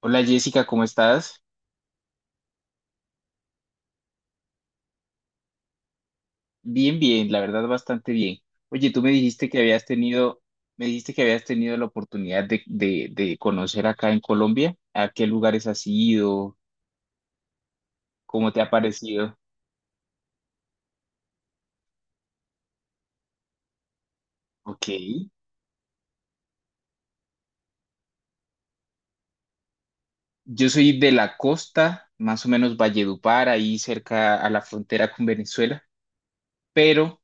Hola Jessica, ¿cómo estás? Bien, bien, la verdad bastante bien. Oye, tú me dijiste que habías tenido, me dijiste que habías tenido la oportunidad de conocer acá en Colombia. ¿A qué lugares has ido? ¿Cómo te ha parecido? Ok. Yo soy de la costa, más o menos Valledupar, ahí cerca a la frontera con Venezuela, pero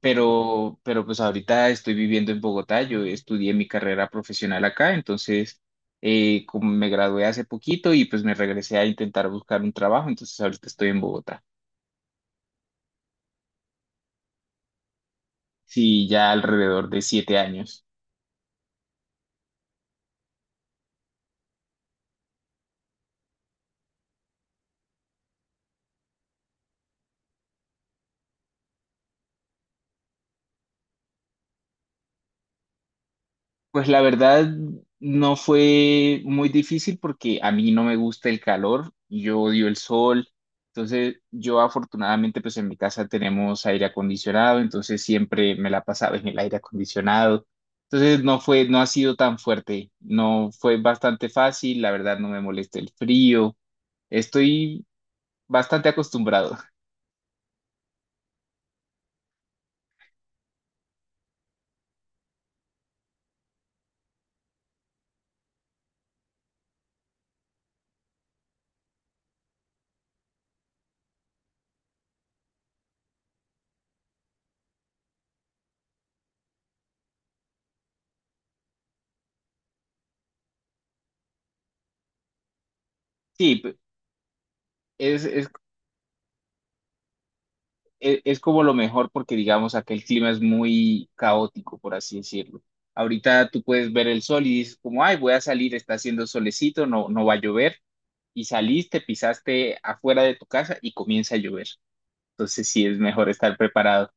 pero pues ahorita estoy viviendo en Bogotá, yo estudié mi carrera profesional acá, entonces como me gradué hace poquito y pues me regresé a intentar buscar un trabajo, entonces ahorita estoy en Bogotá, sí, ya alrededor de 7 años. Pues la verdad no fue muy difícil porque a mí no me gusta el calor, yo odio el sol, entonces yo afortunadamente pues en mi casa tenemos aire acondicionado, entonces siempre me la pasaba en el aire acondicionado, entonces no fue, no ha sido tan fuerte, no fue bastante fácil, la verdad no me molesta el frío, estoy bastante acostumbrado. Sí, es, es es como lo mejor porque digamos acá el clima es muy caótico, por así decirlo. Ahorita tú puedes ver el sol y dices como, ay, voy a salir, está haciendo solecito, no, no va a llover. Y saliste, pisaste afuera de tu casa y comienza a llover. Entonces sí es mejor estar preparado.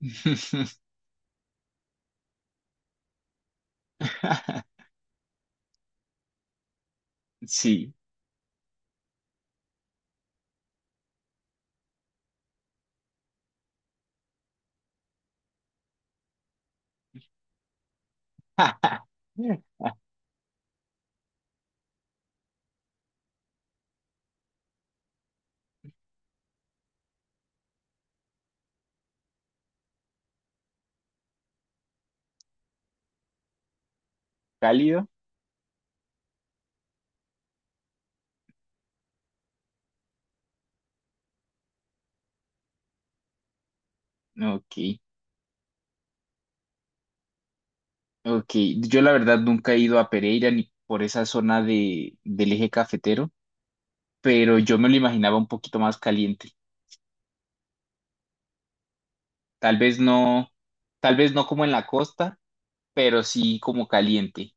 Sí. ¿Cálido? Ok, ok. Yo la verdad nunca he ido a Pereira ni por esa zona de, del eje cafetero, pero yo me lo imaginaba un poquito más caliente. Tal vez no, tal vez no como en la costa, pero sí como caliente.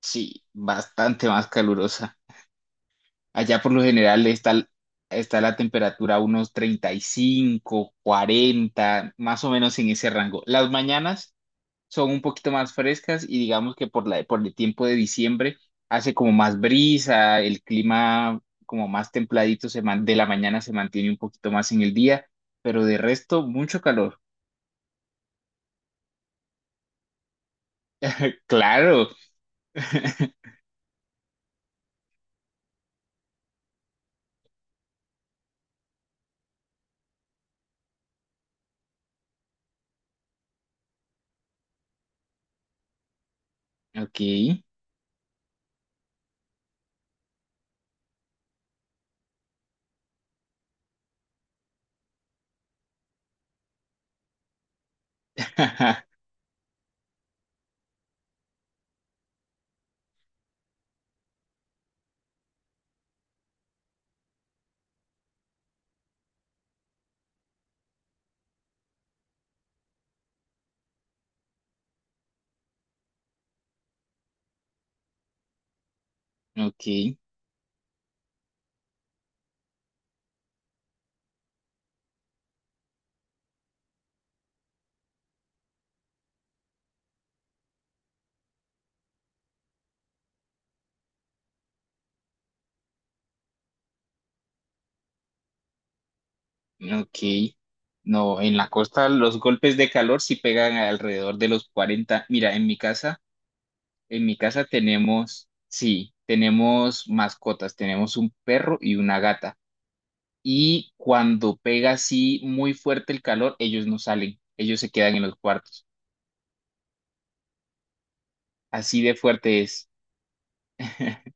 Sí, bastante más calurosa. Allá por lo general está, está la temperatura a unos 35 40 más o menos en ese rango. Las mañanas son un poquito más frescas y digamos que por la, por el tiempo de diciembre hace como más brisa, el clima como más templadito se man- de la mañana se mantiene un poquito más en el día, pero de resto mucho calor. Claro. Ok, ok, ok. No, en la costa los golpes de calor sí pegan alrededor de los 40. Mira, en mi casa tenemos, sí, tenemos mascotas, tenemos un perro y una gata. Y cuando pega así muy fuerte el calor, ellos no salen, ellos se quedan en los cuartos. Así de fuerte es.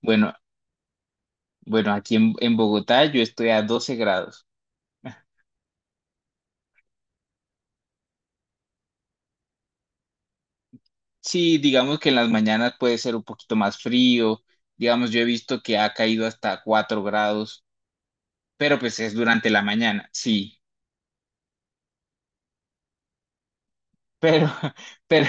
Bueno, bueno, aquí en Bogotá yo estoy a 12 grados. Sí, digamos que en las mañanas puede ser un poquito más frío, digamos yo he visto que ha caído hasta 4 grados, pero pues es durante la mañana, sí, pero, pero,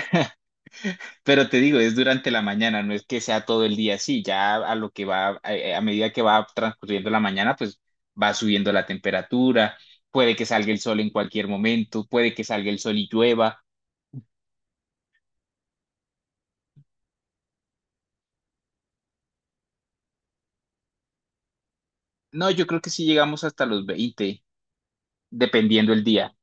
pero te digo, es durante la mañana, no es que sea todo el día así, ya a lo que va, a medida que va transcurriendo la mañana, pues va subiendo la temperatura, puede que salga el sol en cualquier momento, puede que salga el sol y llueva, no, yo creo que sí llegamos hasta los 20 dependiendo el día,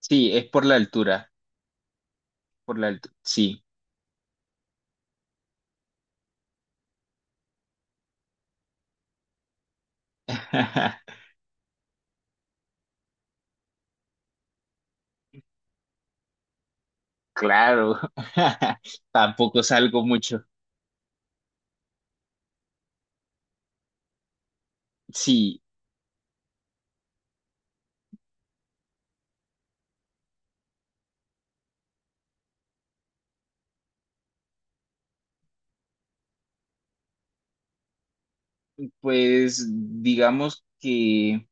sí, es por la altura, sí. Claro, tampoco salgo mucho. Sí, pues digamos que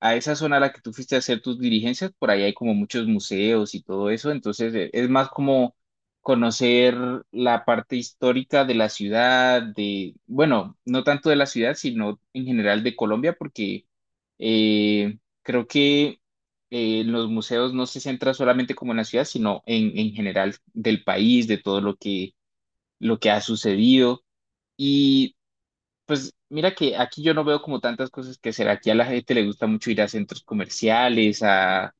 a esa zona a la que tú fuiste a hacer tus diligencias, por ahí hay como muchos museos y todo eso, entonces es más como conocer la parte histórica de la ciudad, de, bueno, no tanto de la ciudad, sino en general de Colombia, porque creo que los museos no se centran solamente como en la ciudad, sino en general del país, de todo lo que ha sucedido. Y pues mira que aquí yo no veo como tantas cosas que hacer. Aquí a la gente le gusta mucho ir a centros comerciales,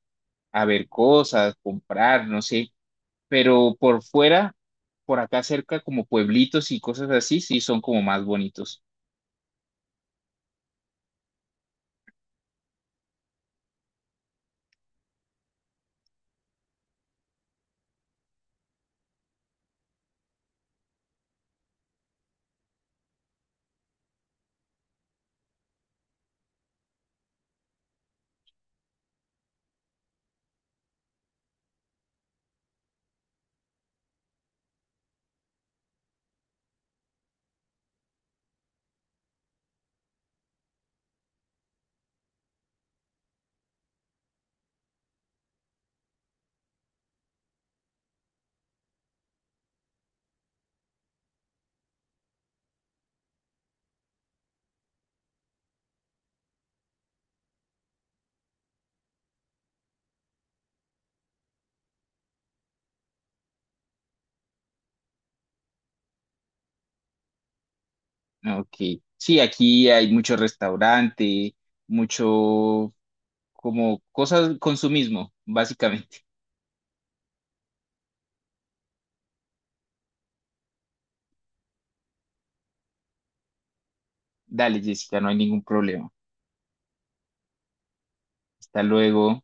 a ver cosas, comprar, no sé. Pero por fuera, por acá cerca, como pueblitos y cosas así, sí son como más bonitos. Ok. Sí, aquí hay mucho restaurante, mucho como cosas consumismo, básicamente. Dale, Jessica, no hay ningún problema. Hasta luego.